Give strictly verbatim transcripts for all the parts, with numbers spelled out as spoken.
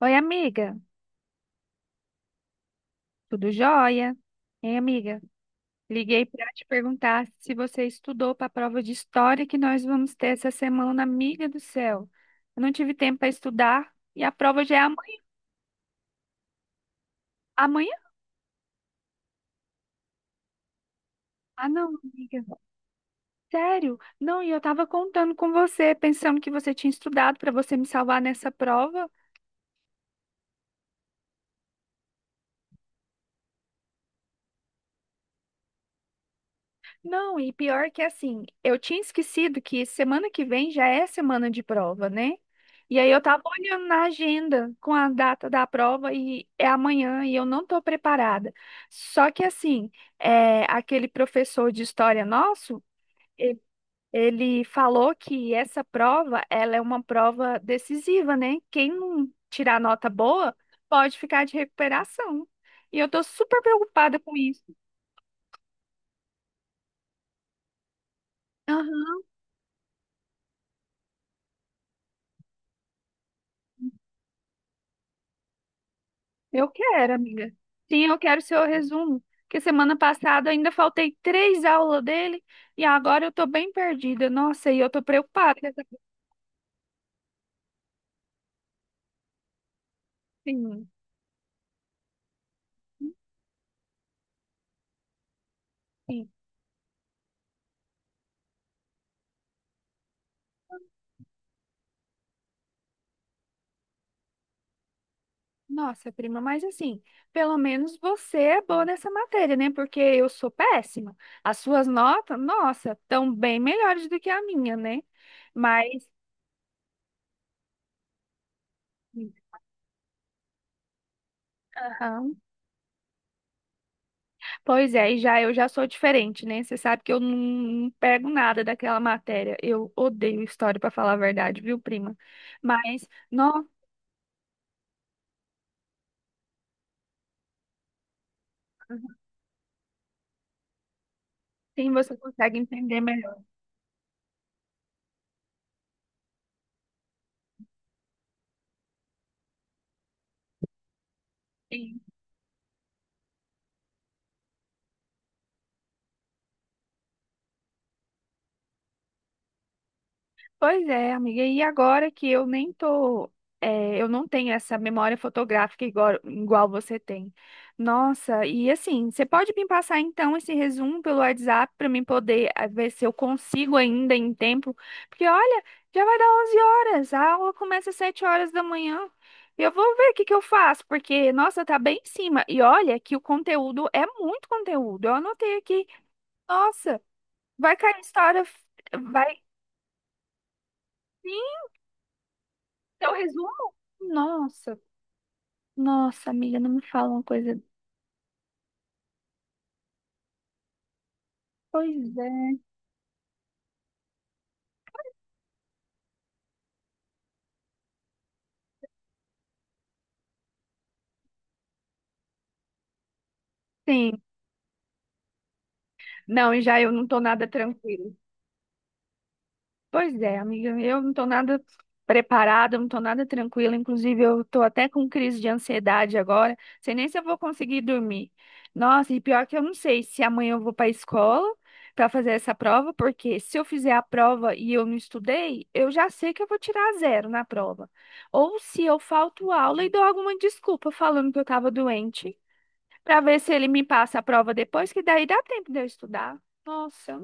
Oi, amiga. Tudo jóia? Hein, amiga? Liguei para te perguntar se você estudou para a prova de história que nós vamos ter essa semana, amiga do céu. Eu não tive tempo para estudar e a prova já é amanhã. Amanhã? Ah, não, amiga. Sério? Não, e eu estava contando com você, pensando que você tinha estudado para você me salvar nessa prova. Não, e pior que assim, eu tinha esquecido que semana que vem já é semana de prova, né? E aí eu tava olhando na agenda com a data da prova e é amanhã e eu não tô preparada. Só que assim, é, aquele professor de história nosso, e- ele falou que essa prova, ela é uma prova decisiva, né? Quem não tirar nota boa pode ficar de recuperação. E eu tô super preocupada com isso. Eu quero, amiga. Sim, eu quero seu resumo. Porque semana passada eu ainda faltei três aulas dele e agora eu tô bem perdida. Nossa, e eu tô preocupada com essa prima. Sim. Nossa, prima, mas assim, pelo menos você é boa nessa matéria, né? Porque eu sou péssima. As suas notas, nossa, estão bem melhores do que a minha, né? Mas, aham. Pois é, e já eu já sou diferente, né? Você sabe que eu não, não pego nada daquela matéria. Eu odeio história, para falar a verdade, viu, prima? Mas, nossa, assim você consegue entender melhor. Pois é, amiga. E agora que eu nem tô, eh, eu não tenho essa memória fotográfica igual, igual você tem. Nossa, e assim, você pode me passar então esse resumo pelo WhatsApp para mim poder eh, ver se eu consigo ainda em tempo? Porque olha, já vai dar onze horas, a aula começa às sete horas da manhã. E eu vou ver o que que eu faço, porque nossa, tá bem em cima. E olha que o conteúdo é muito conteúdo. Eu anotei aqui. Nossa, vai cair história, vai. Sim, seu resumo? Nossa, nossa, amiga, não me fala uma coisa. Pois é. Sim. Não, e já eu não tô nada tranquila. Pois é, amiga, eu não estou nada preparada, eu não estou nada tranquila, inclusive eu estou até com crise de ansiedade agora, sei nem se eu vou conseguir dormir. Nossa, e pior que eu não sei se amanhã eu vou para a escola para fazer essa prova, porque se eu fizer a prova e eu não estudei, eu já sei que eu vou tirar zero na prova. Ou se eu falto aula e dou alguma desculpa falando que eu estava doente, para ver se ele me passa a prova depois, que daí dá tempo de eu estudar. Nossa.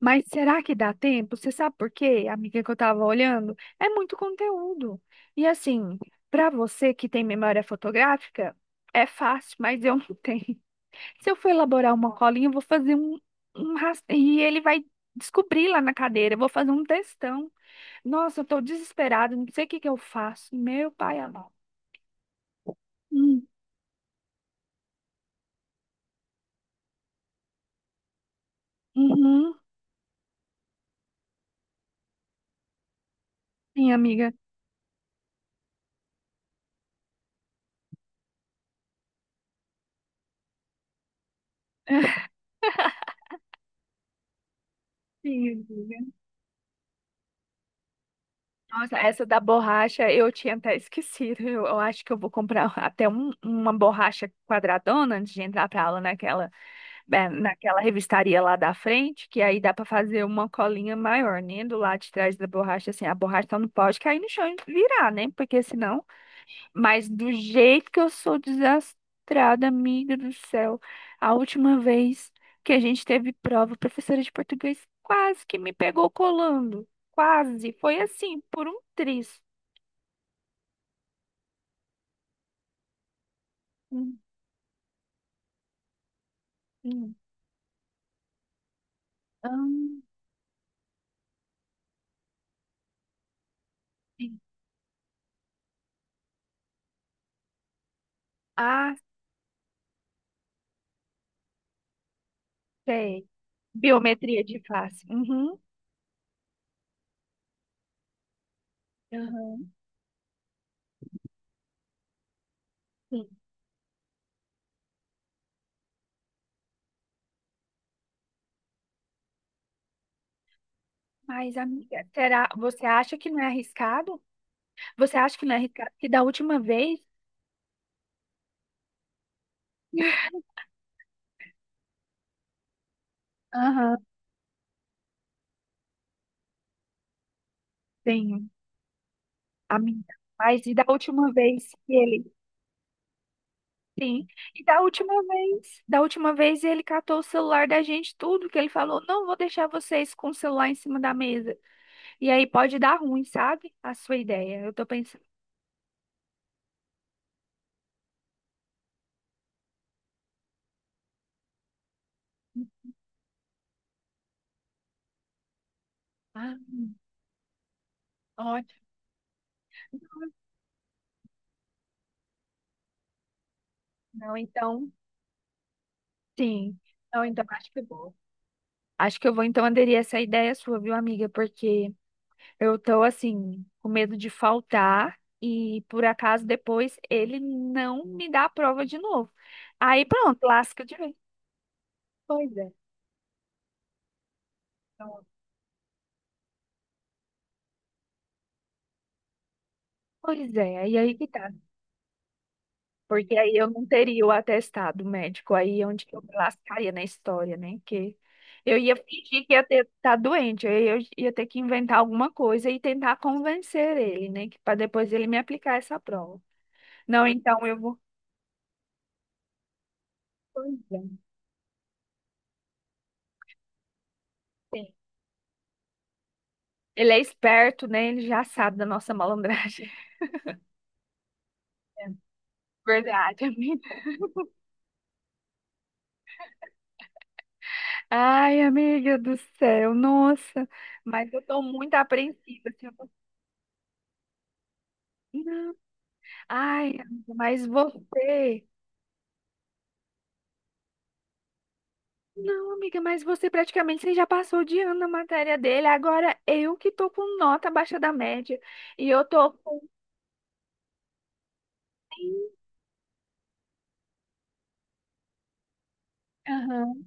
Mas será que dá tempo? Você sabe por quê, amiga, que eu estava olhando? É muito conteúdo. E assim, para você que tem memória fotográfica, é fácil, mas eu não tenho. Se eu for elaborar uma colinha, eu vou fazer um, um ras- e ele vai descobrir lá na cadeira. Eu vou fazer um textão. Nossa, eu tô desesperada, não sei o que que eu faço. Meu pai amado. Hum, uhum, sim, amiga. Sim, amiga. Nossa, essa da borracha eu tinha até esquecido. Eu, eu acho que eu vou comprar até um- uma borracha quadradona antes de entrar pra aula naquela, eh, naquela revistaria lá da frente, que aí dá pra fazer uma colinha maior, né? Do lado de trás da borracha, assim, a borracha só não pode cair no chão e virar, né? Porque senão mas do jeito que eu sou desastrada, amiga do céu. A última vez que a gente teve prova, a professora de português quase que me pegou colando. Quase. Foi assim, por um triz. Um, um, um, sim. Ah, sei. Biometria de face. Uhum. Aham. Sim. Mas, amiga, será? Você acha que não é arriscado? Você acha que não é arriscado? Que da última vez. Aham, tenho. Amiga. Mas e da última vez que ele sim. E da última vez, da última vez ele catou o celular da gente, tudo que ele falou, não vou deixar vocês com o celular em cima da mesa. E aí pode dar ruim, sabe? A sua ideia. Eu tô pensando, ah, ótimo. Não, então, sim. Não, então acho que eu vou. Acho que eu vou então aderir a essa ideia sua, viu, amiga? Porque eu tô assim, com medo de faltar e por acaso depois ele não me dá a prova de novo. Aí pronto, lasca de vez. Pois é. Então pois é, e aí que tá. Porque aí eu não teria o atestado médico, aí é onde que eu me lascaria na história, né? Que eu ia fingir que ia ter, tá doente, aí eu ia ter que inventar alguma coisa e tentar convencer ele, né? Que para depois ele me aplicar essa prova. Não, então eu vou. Pois é. Sim. Ele é esperto, né? Ele já sabe da nossa malandragem. É. Verdade, amiga. Ai, amiga do céu, nossa. Mas eu tô muito apreensiva. Assim, eu tô- ai, amiga, mas você. Não, amiga, mas você praticamente você já passou de ano na matéria dele. Agora eu que tô com nota abaixo da média. E eu tô com. Aham.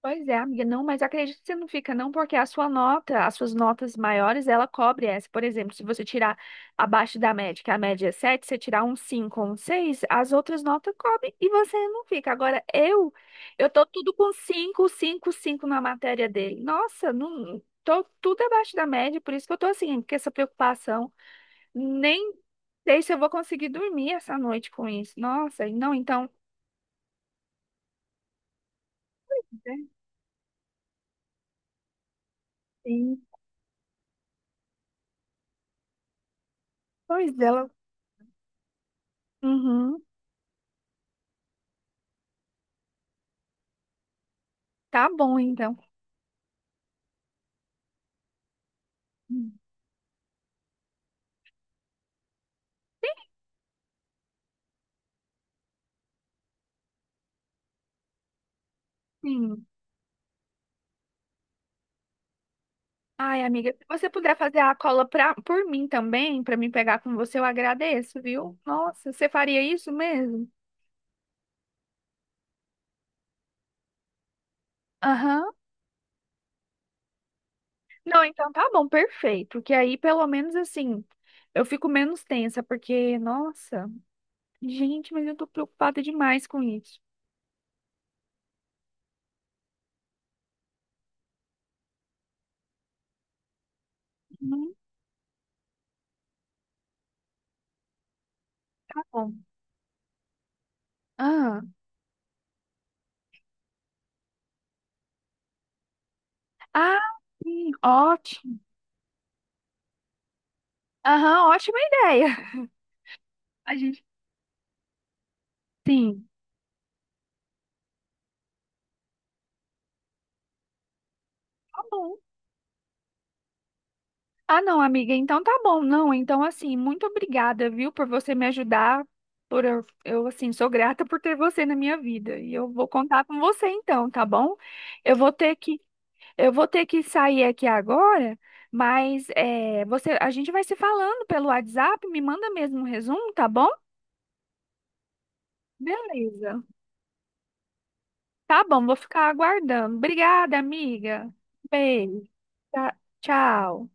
Pois é, amiga, não, mas acredito que você não fica, não, porque a sua nota, as suas notas maiores, ela cobre essa. Por exemplo, se você tirar abaixo da média, que a média é sete você tirar um cinco ou um seis as outras notas cobrem e você não fica. Agora, eu, eu tô tudo com cinco cinco cinco na matéria dele. Nossa, não, tô tudo abaixo da média, por isso que eu tô assim, com essa preocupação. Nem sei se eu vou conseguir dormir essa noite com isso. Nossa, não, então, sim. Pois ela. Uhum. Tá bom, então. Sim. Ai, amiga, se você puder fazer a cola pra, por mim também, pra mim pegar com você, eu agradeço, viu? Nossa, você faria isso mesmo? Aham. Não, então tá bom, perfeito. Que aí, pelo menos assim, eu fico menos tensa, porque, nossa, gente, mas eu tô preocupada demais com isso. Uhum, tá bom. Ah, ah, sim, ótimo. Aham, ótima ideia. A gente, sim. Tá bom. Ah, não, amiga, então tá bom. Não, então assim, muito obrigada, viu, por você me ajudar. Por eu, eu, assim, sou grata por ter você na minha vida. E eu vou contar com você então, tá bom? Eu vou ter que, eu vou ter que sair aqui agora, mas é, você, a gente vai se falando pelo WhatsApp, me manda mesmo um resumo, tá bom? Beleza. Tá bom, vou ficar aguardando. Obrigada, amiga. Beijo. Tá- Tchau.